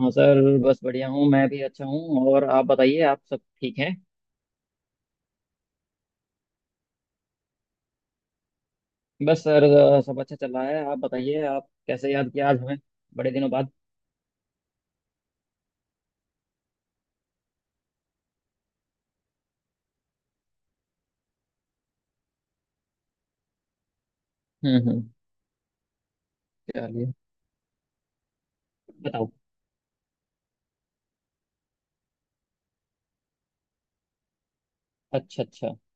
हाँ सर। बस बढ़िया हूँ, मैं भी अच्छा हूँ। और आप बताइए, आप सब ठीक हैं? बस सर, सब अच्छा चल रहा है। आप बताइए, आप कैसे याद किया आज हमें, बड़े दिनों बाद। हम्म। चलिए बताओ। अच्छा अच्छा।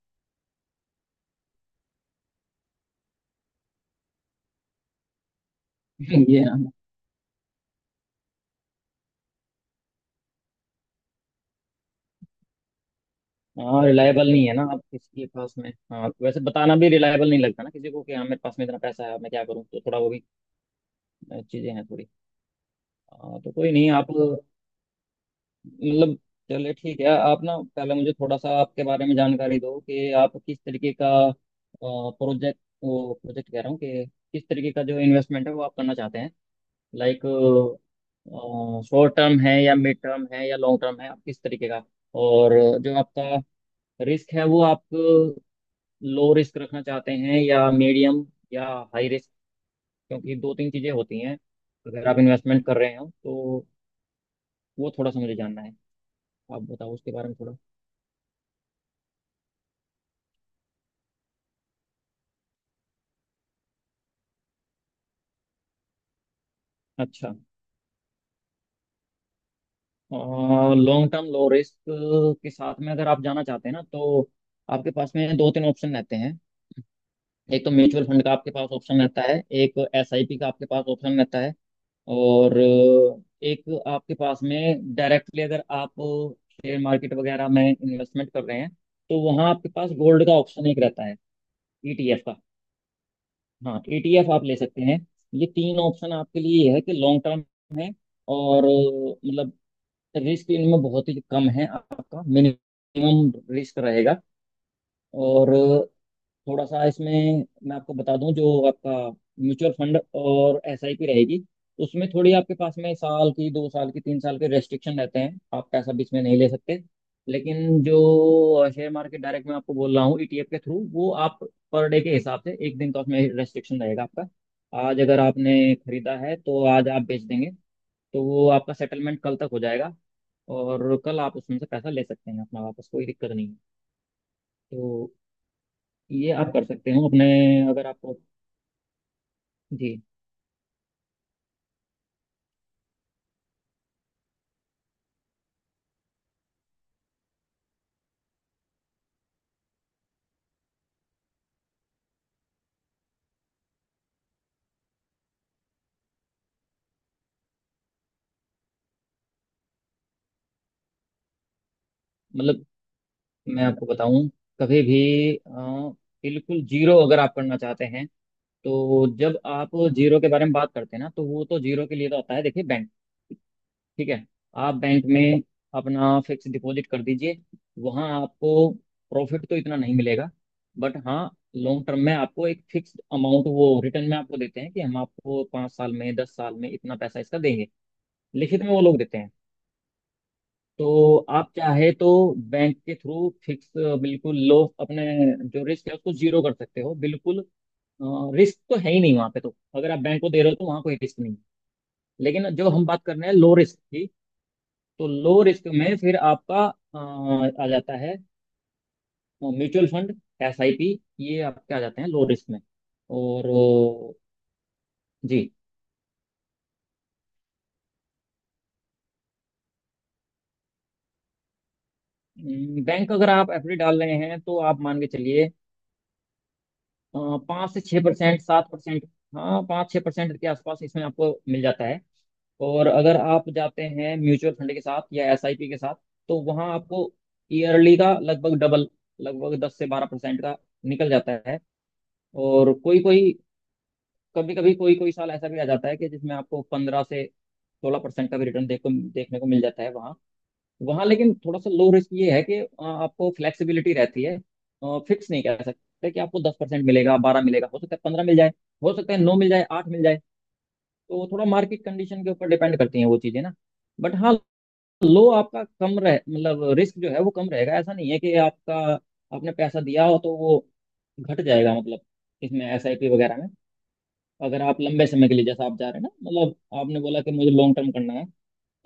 ये, हाँ, हाँ, रिलायबल नहीं है ना आप किसी के पास में। हाँ वैसे बताना भी रिलायबल नहीं लगता ना किसी को कि हाँ मेरे पास में इतना पैसा है, मैं क्या करूँ, तो थोड़ा वो भी चीजें हैं थोड़ी। हाँ, तो कोई नहीं, आप मतलब, चलिए ठीक है। आप ना पहले मुझे थोड़ा सा आपके बारे में जानकारी दो कि आप किस तरीके का प्रोजेक्ट, वो प्रोजेक्ट कह रहा हूँ, कि किस तरीके का जो इन्वेस्टमेंट है वो आप करना चाहते हैं। लाइक शॉर्ट टर्म है या मिड टर्म है या लॉन्ग टर्म है, आप किस तरीके का। और जो आपका रिस्क है वो आप लो रिस्क रखना चाहते हैं या मीडियम या हाई रिस्क, क्योंकि दो तीन चीज़ें होती हैं अगर आप इन्वेस्टमेंट कर रहे हो तो। वो थोड़ा सा मुझे जानना है, आप बताओ उसके बारे में थोड़ा। अच्छा, लॉन्ग टर्म लो रिस्क के साथ में अगर आप जाना चाहते हैं ना, तो आपके पास में दो तीन ऑप्शन रहते हैं। एक तो म्यूचुअल फंड का आपके पास ऑप्शन रहता है, एक एसआईपी का आपके पास ऑप्शन रहता है, और एक आपके पास में डायरेक्टली अगर आप शेयर मार्केट वगैरह में इन्वेस्टमेंट कर रहे हैं तो वहाँ आपके पास गोल्ड का ऑप्शन एक रहता है, ईटीएफ का। हाँ ईटीएफ आप ले सकते हैं। ये तीन ऑप्शन आपके लिए ये है कि लॉन्ग टर्म है, और मतलब रिस्क इनमें बहुत ही कम है, आपका मिनिमम रिस्क रहेगा। और थोड़ा सा इसमें मैं आपको बता दूं, जो आपका म्यूचुअल फंड और एसआईपी रहेगी, उसमें थोड़ी आपके पास में साल की, दो साल की, तीन साल के रेस्ट्रिक्शन रहते हैं, आप पैसा बीच में नहीं ले सकते। लेकिन जो शेयर मार्केट डायरेक्ट में आपको बोल रहा हूँ, ईटीएफ के थ्रू, वो आप पर डे के हिसाब से एक दिन का उसमें रेस्ट्रिक्शन रहेगा आपका। आज अगर आपने खरीदा है तो आज आप बेच देंगे, तो वो आपका सेटलमेंट कल तक हो जाएगा, और कल आप उसमें से पैसा ले सकते हैं अपना वापस, कोई दिक्कत नहीं है। तो ये आप कर सकते हो अपने, अगर आपको। जी। मतलब मैं आपको बताऊं, कभी भी बिल्कुल जीरो अगर आप करना चाहते हैं, तो जब आप जीरो के बारे में बात करते हैं ना, तो वो तो जीरो के लिए तो होता है, देखिए बैंक। ठीक है, आप बैंक में अपना फिक्स डिपॉजिट कर दीजिए, वहां आपको प्रॉफिट तो इतना नहीं मिलेगा, बट हाँ लॉन्ग टर्म में आपको एक फिक्स अमाउंट वो रिटर्न में आपको देते हैं कि हम आपको 5 साल में, 10 साल में इतना पैसा इसका देंगे, लिखित में वो लोग देते हैं। तो आप चाहे तो बैंक के थ्रू फिक्स, बिल्कुल लो अपने जो रिस्क है उसको जीरो कर सकते हो, बिल्कुल रिस्क तो है ही नहीं वहां पे। तो अगर आप बैंक को दे रहे हो तो वहां कोई रिस्क नहीं है। लेकिन जो हम बात कर रहे हैं लो रिस्क की, तो लो रिस्क में फिर आपका अ, आ जाता है म्यूचुअल फंड, एसआईपी, ये आपके आ जाते हैं लो रिस्क में। और जी, बैंक अगर आप एफडी डाल रहे हैं तो आप मान के चलिए 5 से 6%, 7%। हाँ 5 छः % के आसपास इसमें आपको मिल जाता है। और अगर आप जाते हैं म्यूचुअल फंड के साथ या एसआईपी के साथ, तो वहाँ आपको ईयरली का लगभग डबल, लगभग 10 से 12% का निकल जाता है। और कोई कोई, कभी कभी कोई कोई साल ऐसा भी आ जाता है कि जिसमें आपको 15 से 16% का भी रिटर्न देखो देखने को मिल जाता है वहाँ। वहाँ लेकिन थोड़ा सा लो रिस्क ये है कि आपको फ्लेक्सिबिलिटी रहती है, फिक्स नहीं कह सकते कि आपको 10% मिलेगा, बारह मिलेगा, हो सकता है पंद्रह मिल जाए, हो सकता है नौ मिल जाए, आठ मिल जाए। तो वो थोड़ा मार्केट कंडीशन के ऊपर डिपेंड करती हैं वो चीज़ें ना। बट हाँ, लो आपका कम रह मतलब रिस्क जो है वो कम रहेगा। ऐसा नहीं है कि आपका, आपने पैसा दिया हो तो वो घट जाएगा, मतलब इसमें एसआईपी वगैरह में अगर आप लंबे समय के लिए जैसा आप जा रहे हैं ना, मतलब आपने बोला कि मुझे लॉन्ग टर्म करना है,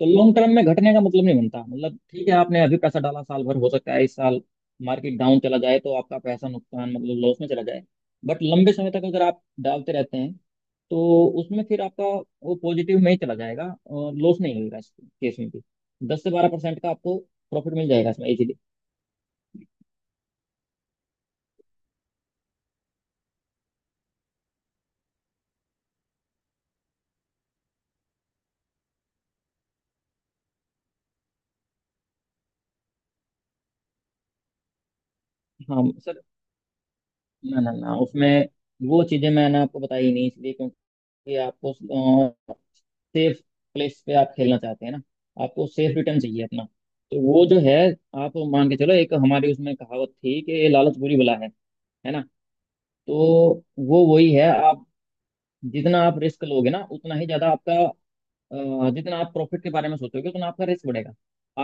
तो लॉन्ग टर्म में घटने का मतलब नहीं बनता। मतलब ठीक है, आपने अभी पैसा डाला साल भर, हो सकता है इस साल मार्केट डाउन चला जाए तो आपका पैसा नुकसान मतलब लॉस में चला जाए, बट लंबे समय तक अगर आप डालते रहते हैं, तो उसमें फिर आपका वो पॉजिटिव में ही चला जाएगा और लॉस नहीं होगा। इस केस में भी 10 से 12% का आपको प्रॉफिट मिल जाएगा इसमें इजीली। हाँ सर। ना ना ना, उसमें वो चीज़ें मैंने आपको बताई नहीं इसलिए। ये आपको सेफ प्लेस पे आप खेलना चाहते हैं ना, आपको सेफ रिटर्न चाहिए अपना। तो वो जो है, आप मान के चलो, एक हमारी उसमें कहावत थी कि ये लालच बुरी बला है ना। तो वो वही है आप, जितना आप रिस्क लोगे ना, उतना ही ज्यादा आपका जितना आप प्रॉफिट के बारे में सोचोगे, उतना आपका रिस्क बढ़ेगा।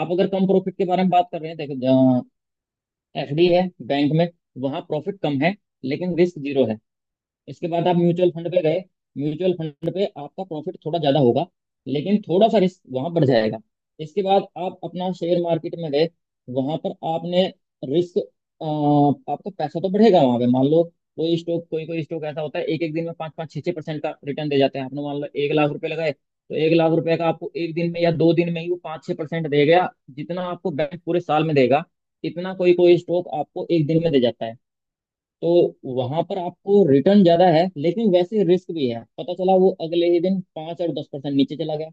आप अगर कम प्रॉफिट के बारे में बात कर रहे हैं, देखो एफडी है बैंक में, वहां प्रॉफिट कम है लेकिन रिस्क जीरो है। इसके बाद आप म्यूचुअल फंड पे गए, म्यूचुअल फंड पे आपका प्रॉफिट थोड़ा ज्यादा होगा लेकिन थोड़ा सा रिस्क वहां बढ़ जाएगा। इसके बाद आप अपना शेयर मार्केट में गए, वहां पर आपने रिस्क, आपका पैसा तो बढ़ेगा वहां पे, मान लो कोई स्टॉक, कोई कोई स्टॉक ऐसा होता है एक एक दिन में पाँच पाँच छः छः परसेंट का रिटर्न दे जाते हैं। आपने मान लो एक लाख रुपए लगाए तो एक लाख रुपए का आपको एक दिन में या दो दिन में ही वो पाँच छः परसेंट दे गया, जितना आपको बैंक पूरे साल में देगा इतना कोई कोई स्टॉक आपको एक दिन में दे जाता है। तो वहां पर आपको रिटर्न ज्यादा है लेकिन वैसे रिस्क भी है, पता चला वो अगले ही दिन 5 और 10% नीचे चला गया।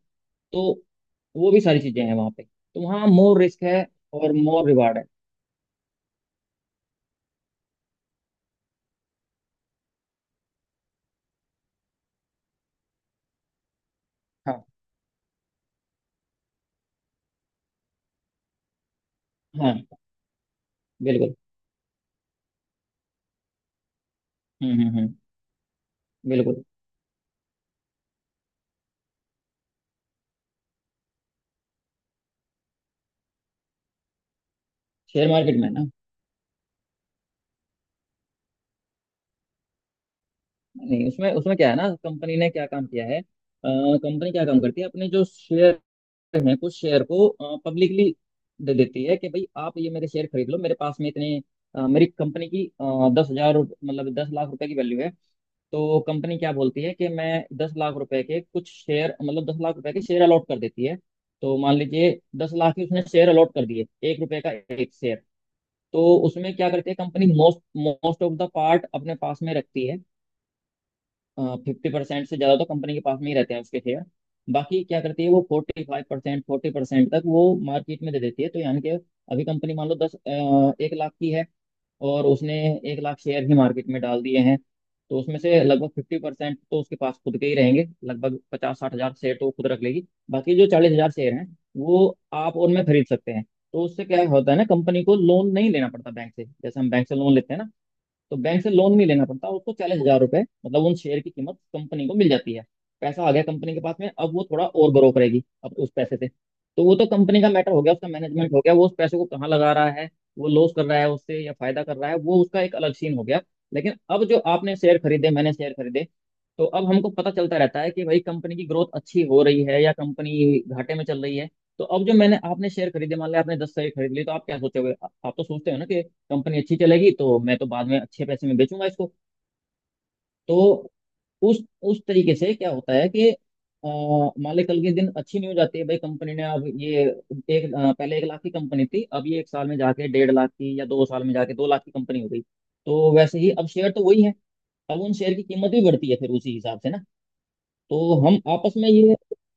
तो वो भी सारी चीजें हैं वहां पे, तो वहाँ मोर रिस्क है और मोर रिवार्ड है। हाँ हाँ बिल्कुल। हम्म। बिल्कुल। शेयर मार्केट में ना, नहीं उसमें, क्या है ना, कंपनी ने क्या काम किया है, कंपनी क्या काम करती है, अपने जो शेयर हैं कुछ शेयर को पब्लिकली दे देती है कि भाई आप ये मेरे शेयर खरीद लो, मेरे पास में इतने मेरी कंपनी की 10 हज़ार मतलब 10 लाख रुपए की वैल्यू है। तो कंपनी क्या बोलती है कि मैं 10 लाख रुपए के कुछ शेयर, मतलब दस लाख रुपए के शेयर अलॉट कर देती है। तो मान लीजिए 10 लाख के उसने शेयर अलॉट कर दिए, एक रुपए का एक शेयर। तो उसमें क्या करती है company, most most of the part अपने पास में रखती है, 50% से ज़्यादा तो कंपनी के पास में ही रहते हैं उसके शेयर। बाकी क्या करती है वो, 45% 40% तक वो मार्केट में दे देती है। तो यानी कि अभी कंपनी मान लो दस एक लाख की है, और उसने एक लाख शेयर ही मार्केट में डाल दिए हैं, तो उसमें से लगभग 50% तो उसके पास खुद के ही रहेंगे, लगभग 50-60 हज़ार शेयर तो वो खुद रख लेगी। बाकी जो 40 हज़ार शेयर हैं वो आप और मैं खरीद सकते हैं। तो उससे क्या होता है ना, कंपनी को लोन नहीं लेना पड़ता बैंक से, जैसे हम बैंक से लोन लेते हैं ना, तो बैंक से लोन नहीं लेना पड़ता उसको। 40 हज़ार रुपए मतलब उन शेयर की कीमत कंपनी को मिल जाती है, पैसा आ गया कंपनी के पास में, अब वो थोड़ा और ग्रो करेगी अब उस पैसे से। तो वो तो कंपनी का मैटर हो गया, उसका मैनेजमेंट हो गया, वो उस पैसे को कहाँ लगा रहा है, वो लॉस कर रहा है उससे या फायदा कर रहा है, वो उसका एक अलग सीन हो गया। लेकिन अब जो आपने शेयर खरीदे मैंने शेयर खरीदे, तो अब हमको पता चलता रहता है कि भाई कंपनी की ग्रोथ अच्छी हो रही है या कंपनी घाटे में चल रही है। तो अब जो मैंने आपने शेयर खरीदे, मान लिया आपने 10 शेयर खरीद लिए, तो आप क्या सोचे हुए, आप तो सोचते हो ना कि कंपनी अच्छी चलेगी तो मैं तो बाद में अच्छे पैसे में बेचूंगा इसको। तो उस उस तरीके से क्या होता है कि मान ले कल के दिन अच्छी न्यूज आती है, भाई कंपनी ने अब ये एक पहले एक लाख की कंपनी थी, अब ये एक साल में जाके डेढ़ लाख की या दो साल में जाके दो लाख की कंपनी हो गई। तो वैसे ही अब शेयर तो वही है, अब उन शेयर की कीमत भी बढ़ती है फिर उसी हिसाब से ना। तो हम आपस में ये,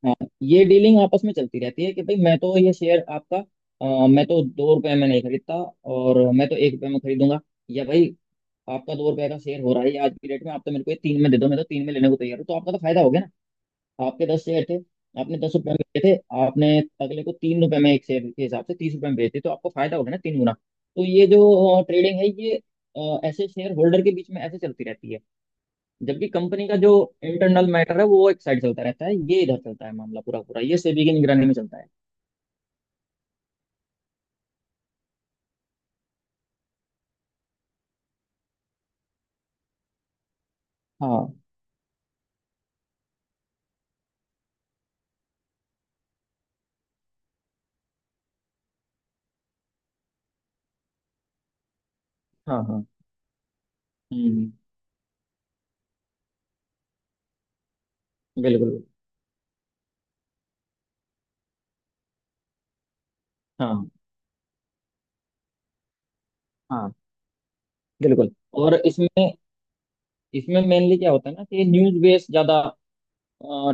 हाँ, ये डीलिंग आपस में चलती रहती है कि भाई मैं तो ये शेयर आपका मैं तो दो रुपए में नहीं खरीदता, और मैं तो एक रुपए में खरीदूंगा, या भाई आपका दो रुपए का शेयर हो रहा है ये आज की डेट में, आप तो मेरे को ये तीन में दे दो, मैं तो तीन में लेने को तैयार हूँ, तो आपका तो फायदा हो गया ना। आपके 10 शेयर थे, आपने 10 रुपए में लिए थे, आपने अगले को तीन रुपए में एक शेयर के हिसाब से 30 रुपए में बेचे, तो आपको फायदा हो गया ना तीन गुना। तो ये जो ट्रेडिंग है ये ऐसे शेयर होल्डर के बीच में ऐसे चलती रहती है, जबकि कंपनी का जो इंटरनल मैटर है वो एक साइड चलता रहता है, ये इधर चलता है मामला, पूरा पूरा ये सेबी की निगरानी में चलता है। हाँ हाँ हाँ। हम्म बिल्कुल बिल्कुल। हाँ हाँ बिल्कुल। और इसमें इसमें मेनली क्या होता है ना कि न्यूज बेस्ड ज्यादा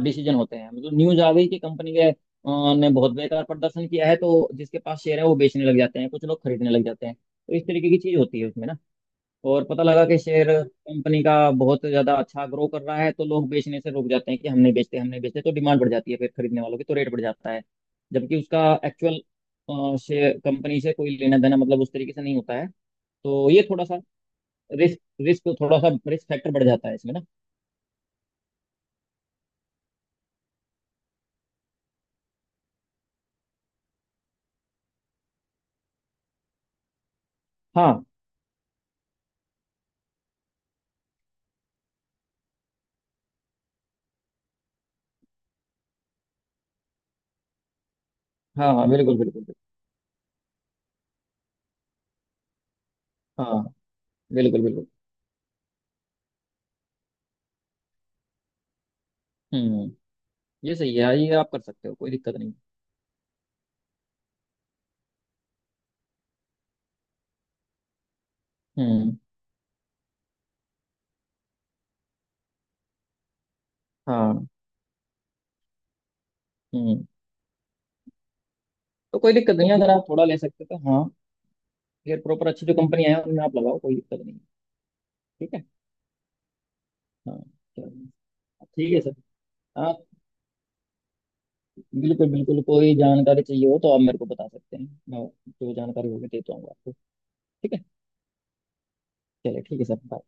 डिसीजन होते हैं, मतलब न्यूज आ गई कि कंपनी के ने बहुत बेकार प्रदर्शन किया है, तो जिसके पास शेयर है वो बेचने लग जाते हैं, कुछ लोग खरीदने लग जाते हैं, तो इस तरीके की चीज होती है उसमें ना। और पता लगा कि शेयर कंपनी का बहुत ज्यादा अच्छा ग्रो कर रहा है, तो लोग बेचने से रुक जाते हैं कि हम नहीं बेचते हम नहीं बेचते, तो डिमांड बढ़ जाती है फिर खरीदने वालों की, तो रेट बढ़ जाता है, जबकि उसका एक्चुअल शेयर कंपनी से कोई लेना देना मतलब उस तरीके से नहीं होता है। तो ये थोड़ा सा रिस्क रिस्क थोड़ा सा रिस्क फैक्टर बढ़ जाता है इसमें ना। हाँ हाँ हाँ बिल्कुल बिल्कुल बिल्कुल। हाँ बिल्कुल बिल्कुल। हम्म, ये सही है, ये आप कर सकते हो, कोई दिक्कत नहीं। हम्म। हाँ। हम्म, तो कोई दिक्कत नहीं है, अगर आप थोड़ा ले सकते हो तो हाँ, फिर प्रॉपर अच्छी जो कंपनी है उनमें आप लगाओ, कोई दिक्कत नहीं है। ठीक है। हाँ, चलो, ठीक है सर, आप। बिल्कुल बिल्कुल, कोई जानकारी चाहिए हो तो आप मेरे को बता सकते हैं, मैं जो जानकारी होगी दे दूंगा आपको। ठीक है, चलिए ठीक है सर, बाय।